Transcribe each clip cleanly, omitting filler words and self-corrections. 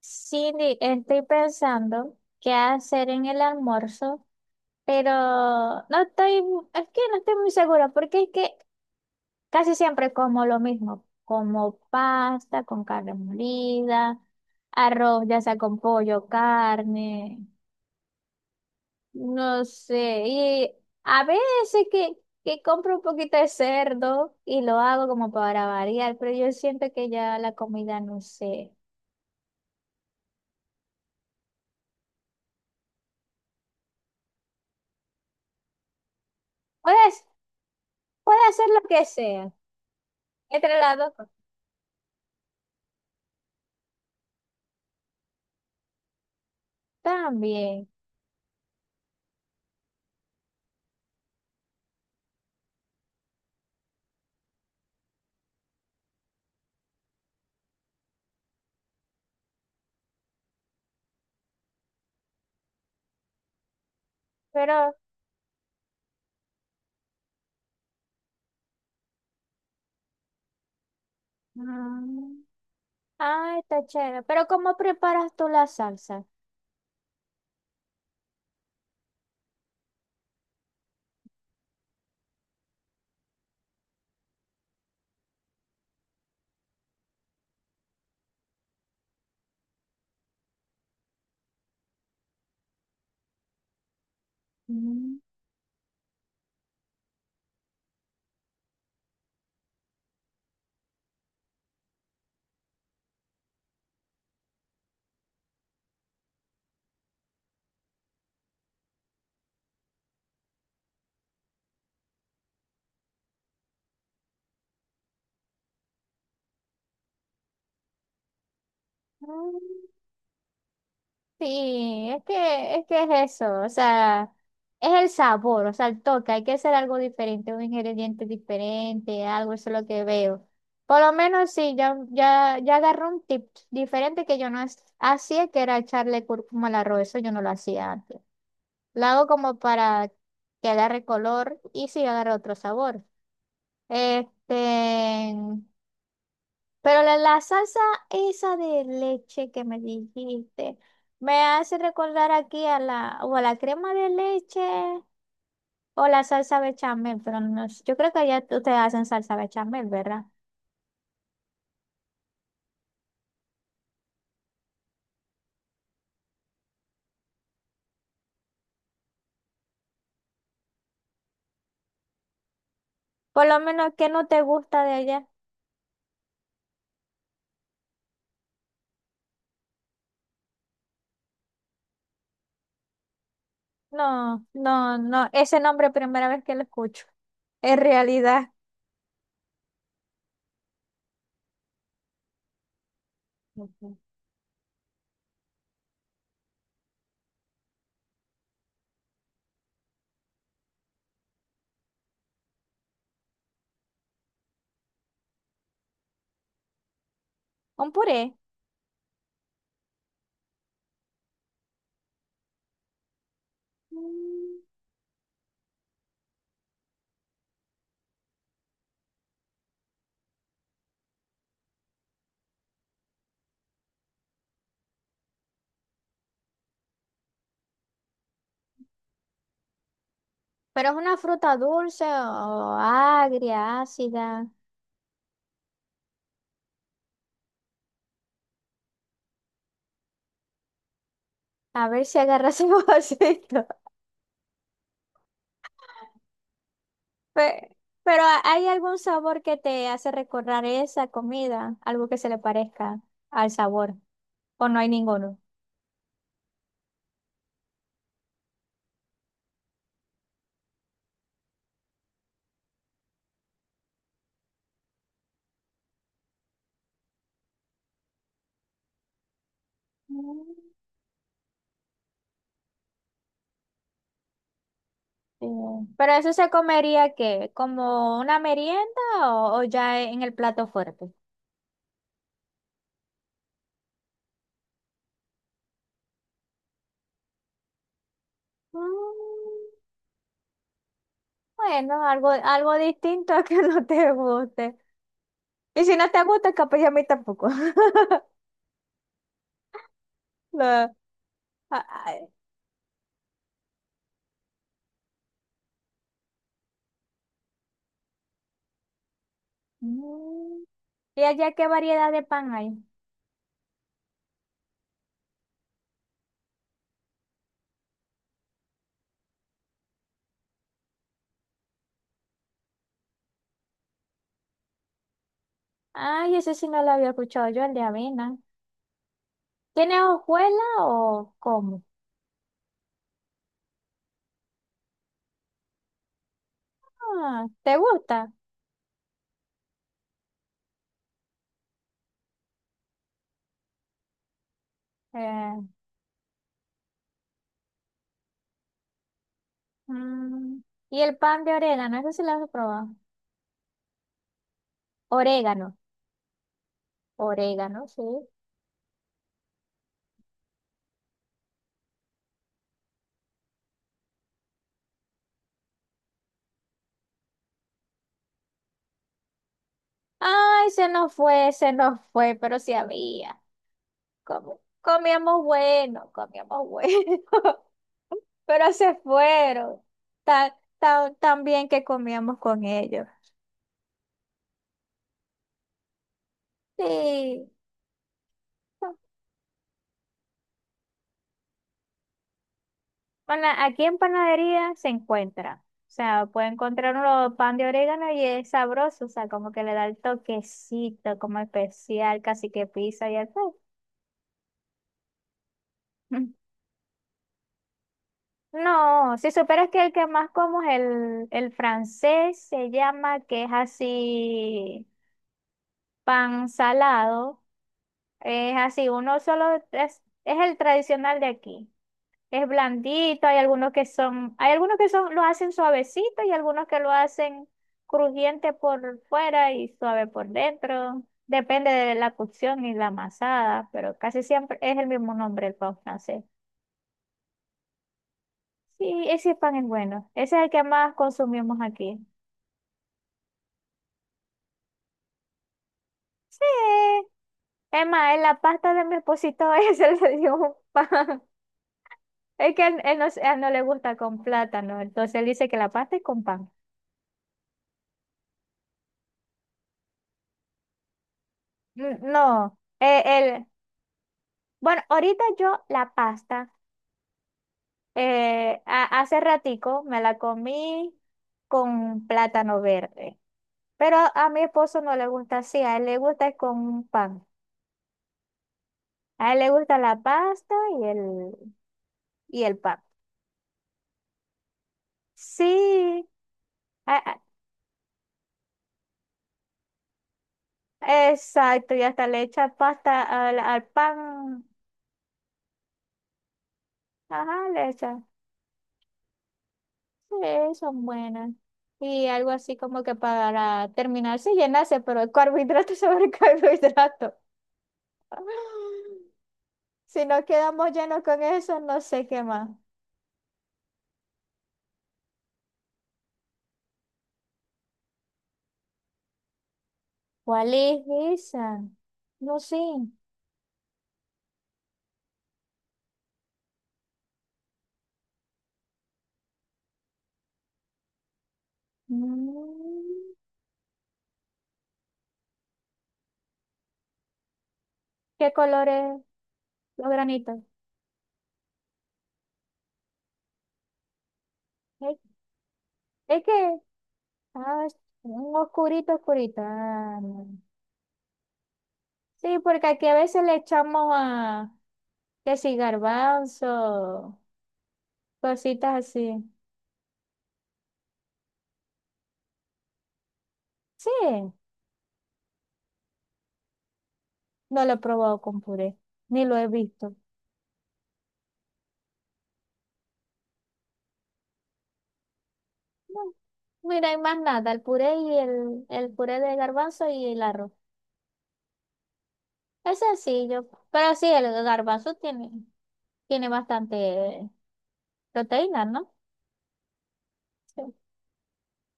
Cindy, estoy pensando qué hacer en el almuerzo, pero no estoy, es que no estoy muy segura, porque es que casi siempre como lo mismo, como pasta con carne molida, arroz, ya sea con pollo, carne, no sé. Y a veces que compro un poquito de cerdo y lo hago como para variar, pero yo siento que ya la comida, no sé, puedes, puede hacer lo que sea. Entre las dos cosas. También, pero... mm, ah, está chévere. Pero ¿cómo preparas tú la salsa? Mm. Mm. Sí, es que, es que es eso, o sea, es el sabor, o sea, el toque, hay que hacer algo diferente, un ingrediente diferente, algo, eso es lo que veo. Por lo menos sí, ya, ya, ya agarré un tip diferente que yo no es- hacía, que era echarle cúrcuma al arroz, eso yo no lo hacía antes. La hago como para que agarre color y sí agarre otro sabor. Este, pero la salsa esa de leche que me dijiste, me hace recordar aquí a la, o a la crema de leche o la salsa bechamel, pero no, sé, yo creo que allá ustedes hacen salsa bechamel, ¿verdad? Por lo menos que no te gusta de allá. No, no, no, ese nombre primera vez que lo escucho. En realidad. Ujú. Un puré. Mm. Pero ¿es una fruta dulce o agria, ácida? A ver si agarras un vasito. Pe- Pero ¿hay algún sabor que te hace recordar esa comida? Algo que se le parezca al sabor. ¿O no hay ninguno? Mm, bien. Pero eso se comería ¿qué? ¿Como una merienda o ya en el plato fuerte? Mm. Bueno, algo, algo distinto a que no te guste. Y si no te gusta, capaz ya a mí tampoco. No. Ah, ah. Mm. ¿Y allá qué variedad de pan hay? Ay, ese sí no lo había escuchado yo, el de avena. ¿Tiene hojuela o cómo? Ah, ¿te gusta? Eh, mm. ¿Y el pan de orégano? Eso sí lo has probado. Orégano, orégano, sí. Ay, se nos fue, pero sí había. Como- comíamos bueno, pero se fueron. Tan, tan, tan bien que comíamos con ellos. Sí. Pana- aquí en panadería se encuentra. O sea, puede encontrar uno pan de orégano y es sabroso, o sea, como que le da el toquecito, como especial, casi que pizza y todo. No, si superas que el que más como es el francés, se llama, que es así, pan salado, es así, uno solo, es el tradicional de aquí. Es blandito, hay algunos que son, hay algunos que son, lo hacen suavecito y algunos que lo hacen crujiente por fuera y suave por dentro. Depende de la cocción y la amasada, pero casi siempre es el mismo nombre, el pan francés. Sí, ese pan es bueno. Ese es el que más consumimos aquí. Sí. Es más, en la pasta de mi esposito ese le dio un pan. Es que él no, a él no le gusta con plátano, entonces él dice que la pasta es con pan. N- No, él- Bueno, ahorita yo la pasta, a- hace ratico me la comí con plátano verde, pero a mi esposo no le gusta así, a él le gusta es con un pan, a él le gusta la pasta y el, y el pan. Sí, a- exacto, y hasta le echa pasta al, al pan, ajá, le echa, sí, son buenas. Y algo así como que para terminarse y llenarse, pero el carbohidrato sobre el carbohidrato. Si nos quedamos llenos con eso, no sé qué más. ¿Cuál es esa? No sé. Mm. ¿Qué colores los granitos? Es, es que, ah, es un oscurito, oscurito. Ah, no. Sí, porque aquí a veces le echamos a, que si garbanzo, cositas así. Sí, no lo he probado con puré, ni lo he visto. No, mira, hay más nada, el puré y el puré de garbanzo y el arroz. Es sencillo, pero sí, el garbanzo tiene, tiene bastante proteína, ¿no? Sí.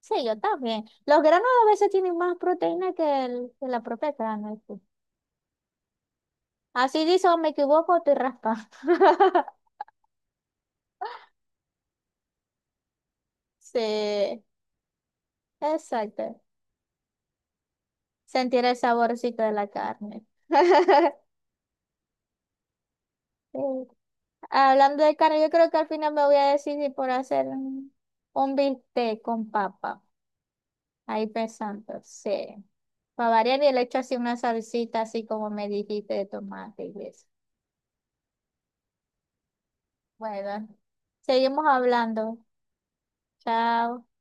Sí, yo también. Los granos a veces tienen más proteína que, que la propia grana, sí. Así dice, o me equivoco, o estoy raspa. Sí, exacto. Sentir el saborcito de la carne. Sí. Hablando de carne, yo creo que al final me voy a decidir por hacer un bistec con papa. Ahí pensando, sí. Para variar, y le echo así una salsita, así como me dijiste, de tomate y eso. Bueno, seguimos hablando. Chao.